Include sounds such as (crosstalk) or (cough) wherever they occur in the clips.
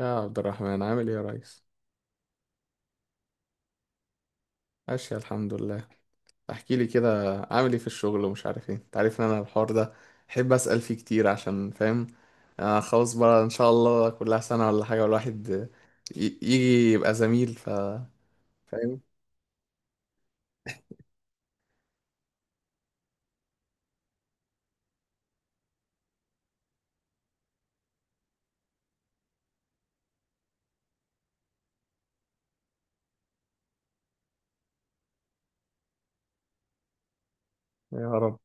يا عبد الرحمن عامل ايه يا ريس؟ ماشي الحمد لله. احكي لي كده عامل ايه في الشغل ومش عارف ايه. انت عارف ان انا الحوار ده احب اسال فيه كتير عشان فاهم. آه خلاص بقى ان شاء الله كلها سنه ولا حاجه، والواحد يجي يبقى زميل. فاهم. يا رب.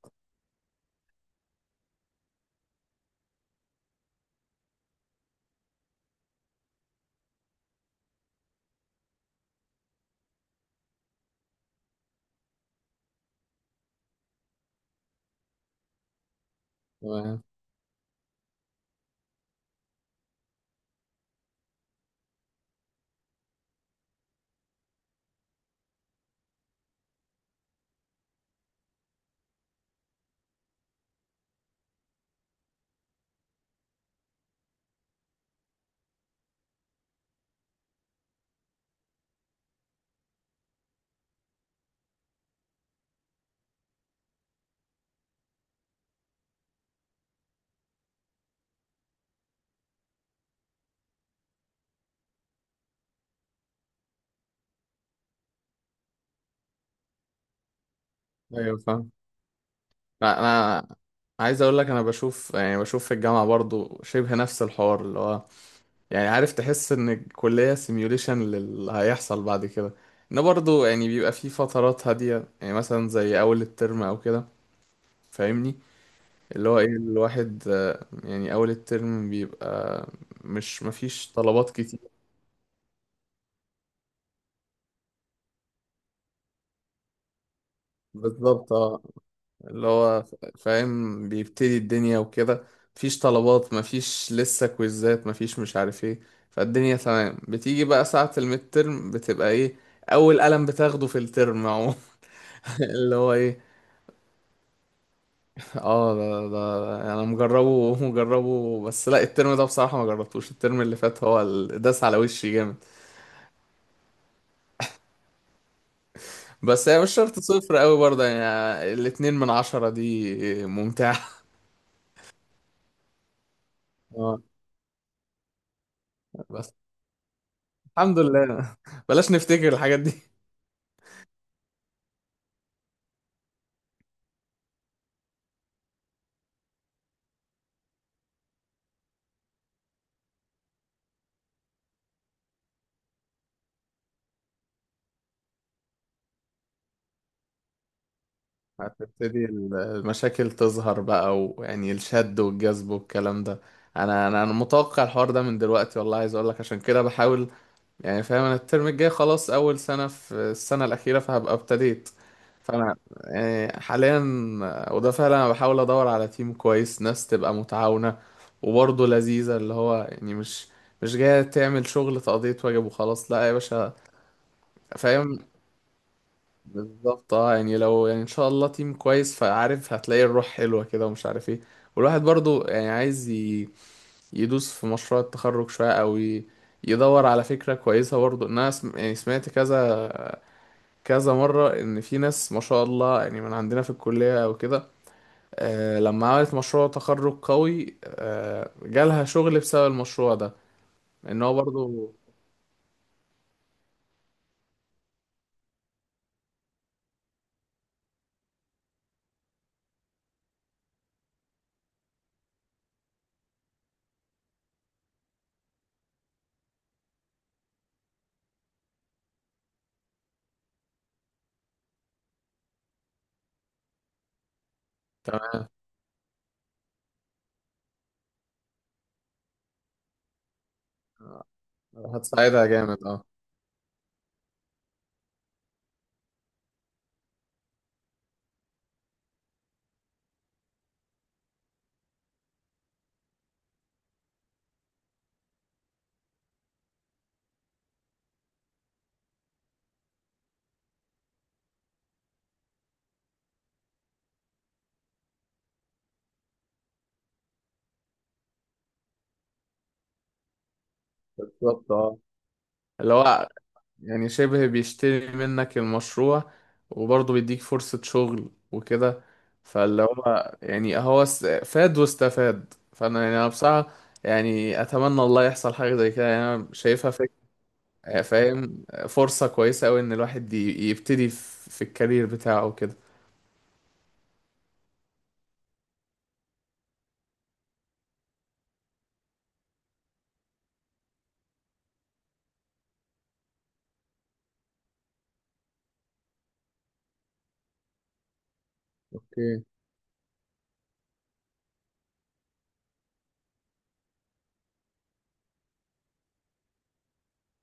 تمام. ايوه فاهم. انا أنا عايز اقول لك، انا بشوف يعني بشوف في الجامعه برضو شبه نفس الحوار، اللي هو يعني عارف، تحس ان الكلية سيميوليشن للي هيحصل بعد كده. ان برضو يعني بيبقى في فترات هادية، يعني مثلا زي اول الترم او كده، فاهمني؟ اللي هو ايه الواحد يعني اول الترم بيبقى مش مفيش طلبات كتير. بالظبط اه. اللي هو فاهم بيبتدي الدنيا وكده. مفيش طلبات، مفيش لسه كويزات، مفيش مش عارف ايه. فالدنيا تمام. بتيجي بقى ساعة الميد ترم بتبقى ايه؟ اول قلم بتاخده في الترم عموما. (laughs) اللي هو ايه. اه ده انا مجربه، (laughs) مجربه، بس لا الترم ده بصراحة ما جربتوش. الترم اللي فات هو داس على وشي جامد. بس هي مش شرط صفر قوي برضه، يعني 2 من 10 دي ممتعة. (laughs) اه بس الحمد لله، بلاش نفتكر الحاجات دي. (laughs) هتبتدي المشاكل تظهر بقى، ويعني الشد والجذب والكلام ده. انا متوقع الحوار ده من دلوقتي والله. عايز اقول لك عشان كده بحاول. يعني فاهم، انا الترم الجاي خلاص اول سنة في السنة الأخيرة، فهبقى ابتديت. فانا يعني حاليا، وده فعلا انا بحاول ادور على تيم كويس، ناس تبقى متعاونة وبرضه لذيذة، اللي هو يعني مش جاية تعمل شغل تقضية واجب وخلاص، لا يا باشا. فاهم. بالظبط اه. يعني لو يعني ان شاء الله تيم كويس، فعارف هتلاقي الروح حلوة كده ومش عارف ايه. والواحد برضه يعني عايز يدوس في مشروع التخرج شوية، او يدور على فكرة كويسة برضه. إن انا يعني سمعت كذا كذا مرة إن في ناس، ما شاء الله، يعني من عندنا في الكلية أو كده، لما عملت مشروع تخرج قوي جالها شغل بسبب المشروع ده. إن هو برضه هتساعدها جامد، اه. بالظبط اه. اللي هو يعني شبه بيشتري منك المشروع وبرضه بيديك فرصة شغل وكده. فاللي هو يعني هو فاد واستفاد. فأنا يعني أنا بصراحة، يعني أتمنى الله يحصل حاجة زي كده، يعني أنا شايفها فاهم فرصة كويسة أوي إن الواحد يبتدي في الكارير بتاعه وكده. اوكي.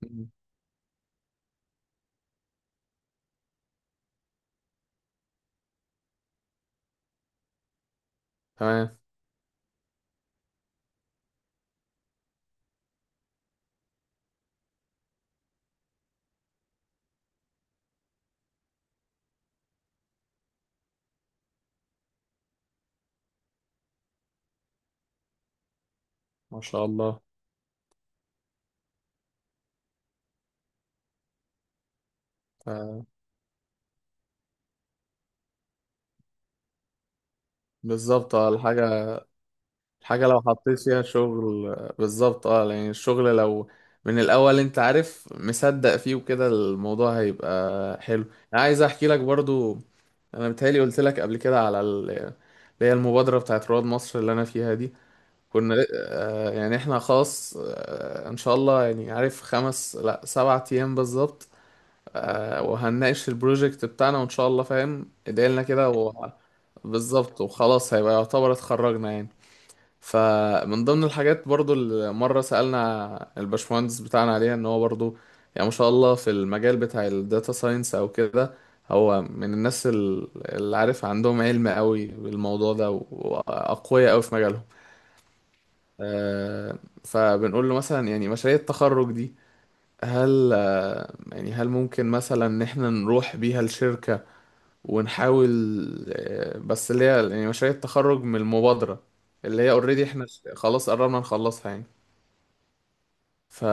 مم. تمام. ما شاء الله. آه، بالظبط اه. الحاجة لو حطيت فيها شغل بالظبط اه. يعني الشغل لو من الأول أنت عارف مصدق فيه وكده، الموضوع هيبقى حلو. أنا عايز أحكي لك برضو، أنا بتهيألي قلت لك قبل كده على اللي هي المبادرة بتاعت رواد مصر اللي أنا فيها دي. كنا يعني احنا خلاص ان شاء الله، يعني عارف، خمس، لا 7 ايام بالظبط. وهنناقش البروجكت بتاعنا وان شاء الله، فاهم، ادعيلنا كده و... بالظبط. وخلاص هيبقى يعتبر اتخرجنا يعني. فمن ضمن الحاجات برضو اللي مرة سألنا الباشمهندس بتاعنا عليها، ان هو برضو، يعني ما شاء الله في المجال بتاع الداتا ساينس او كده، هو من الناس اللي عارف عندهم علم قوي بالموضوع ده واقوياء قوي في مجالهم. آه، فبنقول له مثلا يعني مشاريع التخرج دي، هل، يعني هل ممكن مثلا ان احنا نروح بيها الشركة ونحاول بس اللي هي يعني مشاريع التخرج من المبادرة، اللي هي اوريدي، احنا خلاص قررنا نخلصها يعني. ف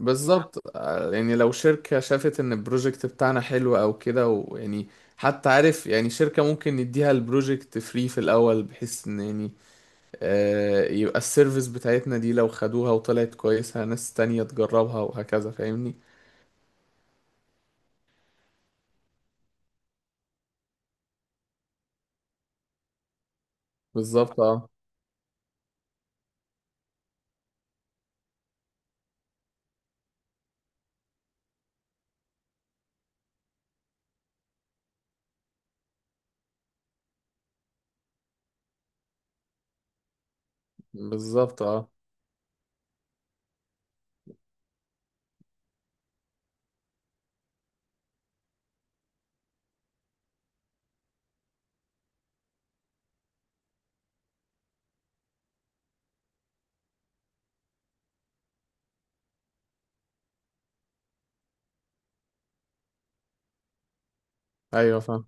بالظبط يعني لو شركة شافت ان البروجكت بتاعنا حلو او كده، ويعني حتى عارف، يعني شركة ممكن نديها البروجكت فري في الاول، بحيث ان يعني يبقى السيرفيس بتاعتنا دي لو خدوها وطلعت كويسة ناس تانية تجربها وهكذا، فاهمني؟ بالظبط اه. بالظبط اه. ايوه فاهم.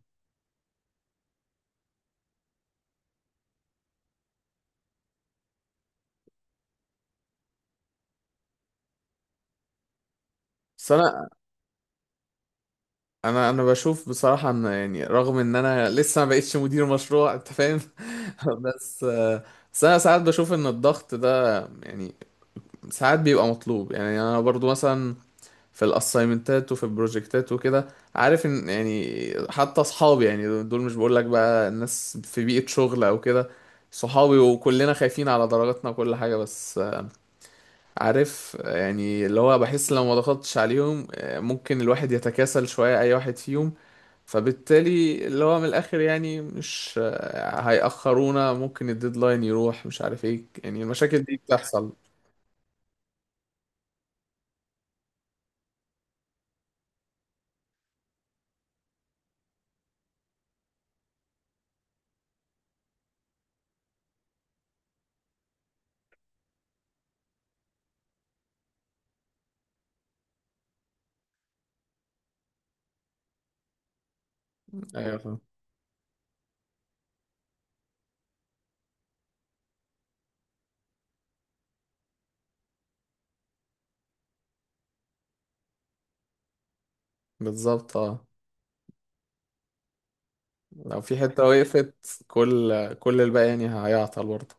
بس انا بشوف بصراحة، ان يعني رغم ان انا لسه ما بقتش مدير مشروع، انت فاهم. (laughs) بس بس انا ساعات بشوف ان الضغط ده، يعني ساعات بيبقى مطلوب. يعني انا برضو مثلا في الاسايمنتات وفي البروجكتات وكده، عارف ان يعني حتى اصحابي، يعني دول مش بقول لك بقى الناس في بيئة شغل او كده، صحابي وكلنا خايفين على درجاتنا وكل حاجة، بس عارف يعني اللي هو بحس لو ما ضغطتش عليهم ممكن الواحد يتكاسل شوية، أي واحد فيهم. فبالتالي اللي هو من الآخر يعني مش هيأخرونا، ممكن الديدلاين يروح مش عارف ايه، يعني المشاكل دي بتحصل. ايوه فاهم. بالظبط اه. لو في حتة وقفت كل الباقي يعني هيعطل برضه.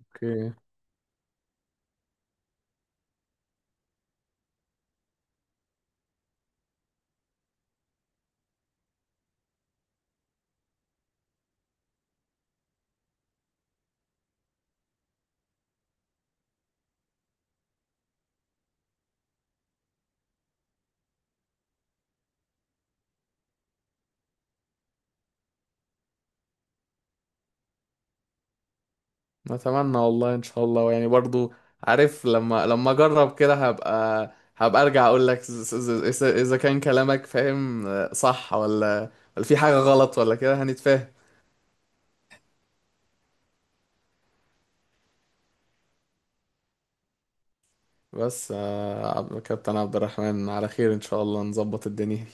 اوكي. نتمنى والله، ان شاء الله، يعني برضه عارف، لما اجرب كده هبقى ارجع اقول لك اذا كان كلامك فاهم صح ولا في حاجة غلط ولا كده، هنتفاهم. بس كابتن عبد الرحمن على خير، ان شاء الله نظبط الدنيا.